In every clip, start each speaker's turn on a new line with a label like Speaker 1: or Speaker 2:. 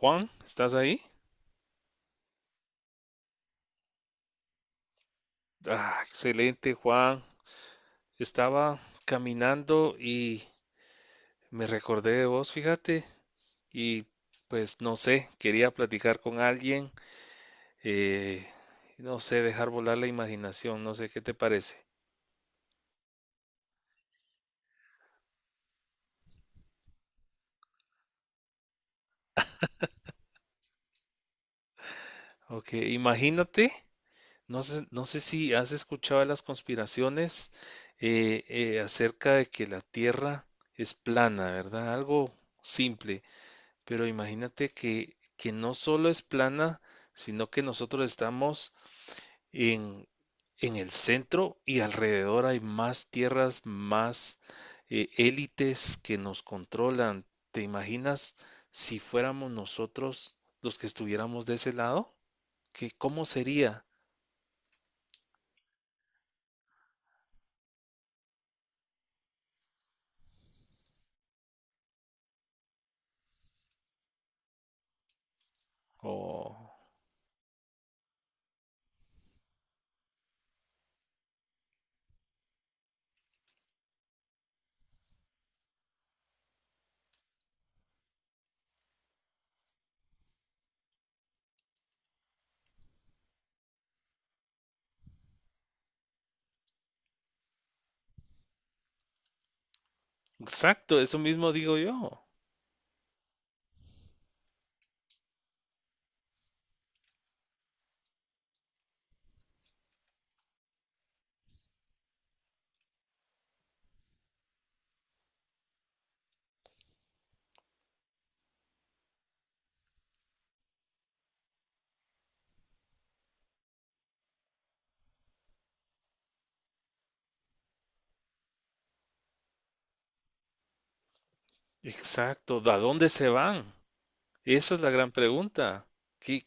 Speaker 1: Juan, ¿estás ahí? Ah, excelente, Juan. Estaba caminando y me recordé de vos, fíjate, y pues no sé, quería platicar con alguien, eh, no sé, dejar volar la imaginación, no sé qué te parece. Ok, imagínate, no sé si has escuchado de las conspiraciones acerca de que la Tierra es plana, ¿verdad? Algo simple. Pero imagínate que no solo es plana, sino que nosotros estamos en, en el centro y alrededor hay más tierras, más élites que nos controlan. ¿Te imaginas si fuéramos nosotros los que estuviéramos de ese lado? ¿Qué, cómo sería? Oh, exacto, eso mismo digo yo. Exacto, ¿a dónde se van? Esa es la gran pregunta. ¿Qué,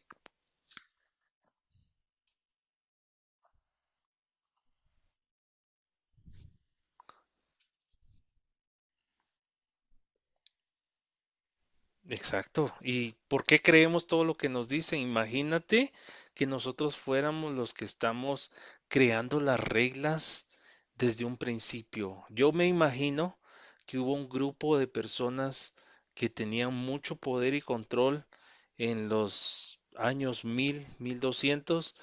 Speaker 1: Exacto. ¿Y por qué creemos todo lo que nos dicen? Imagínate que nosotros fuéramos los que estamos creando las reglas desde un principio. Yo me imagino que hubo un grupo de personas que tenían mucho poder y control en los años 1000, 1200,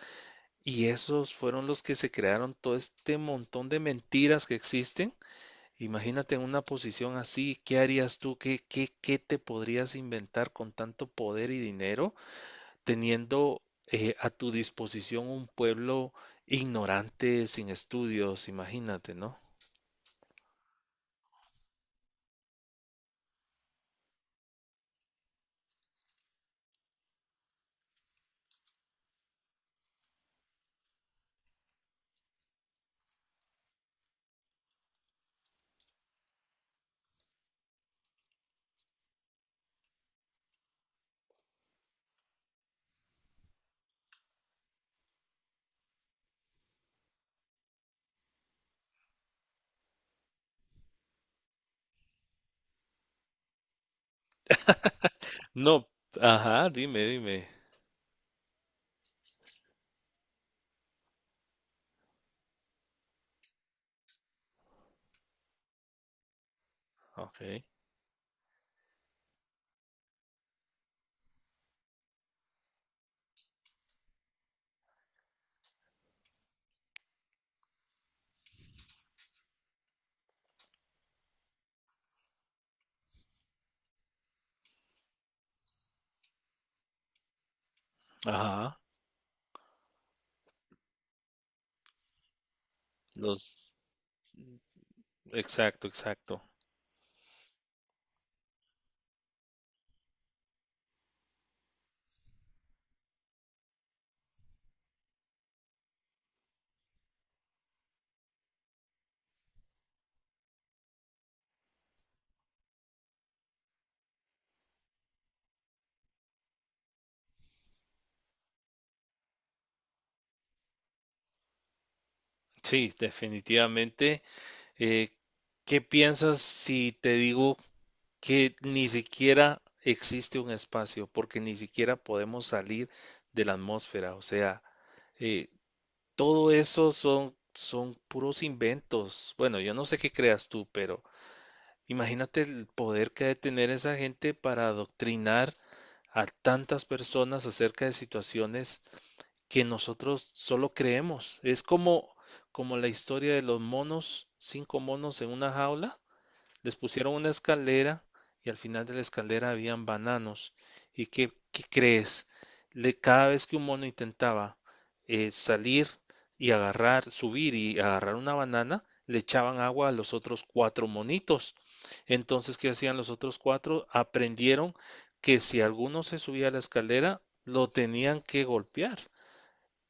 Speaker 1: y esos fueron los que se crearon todo este montón de mentiras que existen. Imagínate en una posición así, ¿qué harías tú? ¿Qué te podrías inventar con tanto poder y dinero, teniendo a tu disposición un pueblo ignorante, sin estudios? Imagínate, ¿no? No, ajá, dime, dime. Ok, ajá, los, exacto, exacto. Sí, definitivamente. Eh, ¿Qué piensas si te digo que ni siquiera existe un espacio, porque ni siquiera podemos salir de la atmósfera? O sea, eh, todo eso son puros inventos. Bueno, yo no sé qué creas tú, pero imagínate el poder que ha de tener esa gente para adoctrinar a tantas personas acerca de situaciones que nosotros solo creemos. Es como, como la historia de los monos, cinco monos en una jaula, les pusieron una escalera y al final de la escalera habían bananos. ¿Y qué crees? Cada vez que un mono intentaba salir y agarrar, subir y agarrar una banana, le echaban agua a los otros cuatro monitos. Entonces, ¿qué hacían los otros cuatro? Aprendieron que si alguno se subía a la escalera, lo tenían que golpear.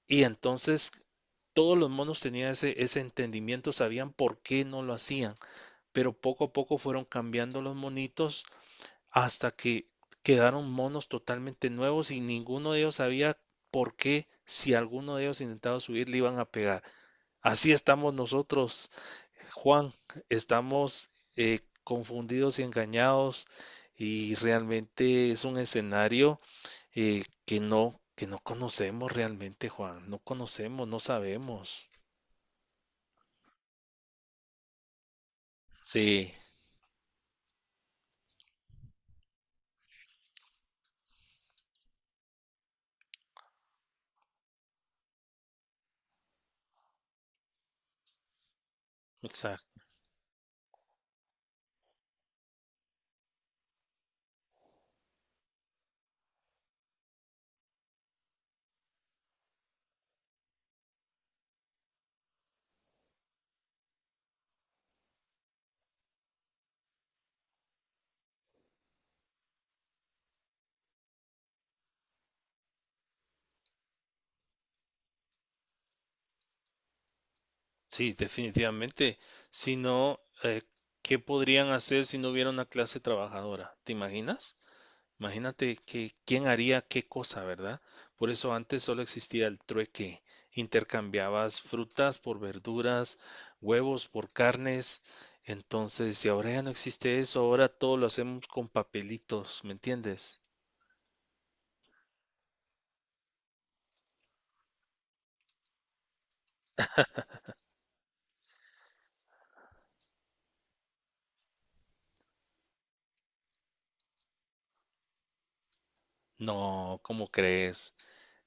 Speaker 1: Y entonces todos los monos tenían ese entendimiento, sabían por qué no lo hacían, pero poco a poco fueron cambiando los monitos hasta que quedaron monos totalmente nuevos y ninguno de ellos sabía por qué si alguno de ellos intentaba subir le iban a pegar. Así estamos nosotros, Juan, estamos confundidos y engañados, y realmente es un escenario que no conocemos realmente, Juan, no conocemos, no sabemos. Sí, exacto. Sí, definitivamente. Si no, ¿qué podrían hacer si no hubiera una clase trabajadora? ¿Te imaginas? Imagínate que quién haría qué cosa, ¿verdad? Por eso antes solo existía el trueque. Intercambiabas frutas por verduras, huevos por carnes. Entonces, si ahora ya no existe eso, ahora todo lo hacemos con papelitos, ¿me entiendes? No, ¿cómo crees?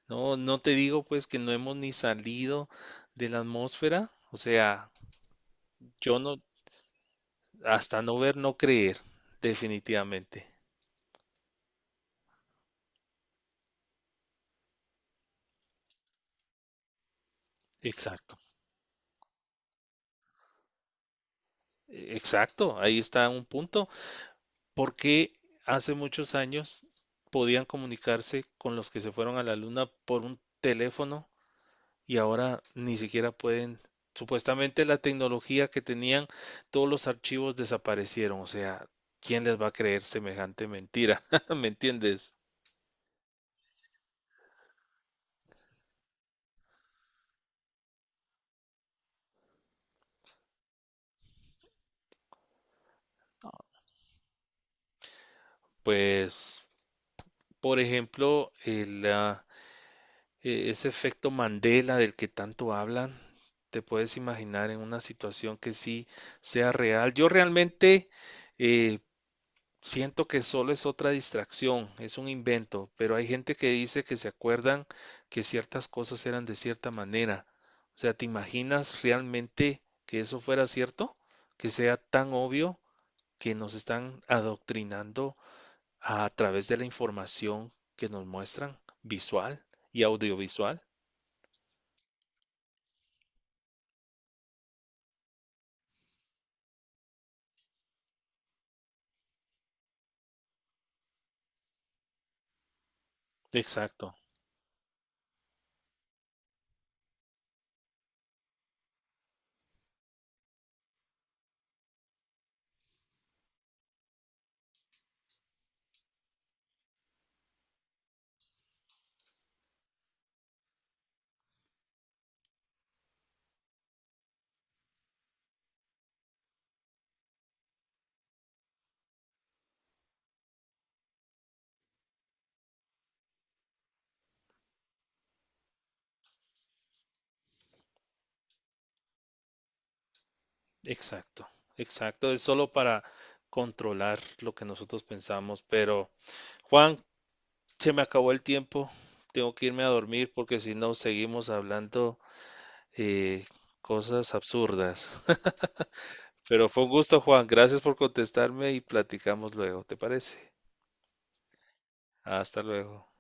Speaker 1: No, no te digo pues que no hemos ni salido de la atmósfera. O sea, yo no. Hasta no ver, no creer, definitivamente. Exacto. Exacto, ahí está un punto. Porque hace muchos años podían comunicarse con los que se fueron a la luna por un teléfono, y ahora ni siquiera pueden. Supuestamente la tecnología que tenían, todos los archivos desaparecieron. O sea, ¿quién les va a creer semejante mentira? ¿Me entiendes? Pues, por ejemplo, ese efecto Mandela del que tanto hablan, te puedes imaginar en una situación que sí sea real. Yo realmente eh, siento que solo es otra distracción, es un invento, pero hay gente que dice que se acuerdan que ciertas cosas eran de cierta manera. O sea, ¿te imaginas realmente que eso fuera cierto? Que sea tan obvio que nos están adoctrinando a través de la información que nos muestran visual y audiovisual. Exacto, exacto, exacto. Es solo para controlar lo que nosotros pensamos. Pero, Juan, se me acabó el tiempo. Tengo que irme a dormir porque si no, seguimos hablando eh, cosas absurdas. Pero fue un gusto, Juan. Gracias por contestarme y platicamos luego, ¿te parece? Hasta luego.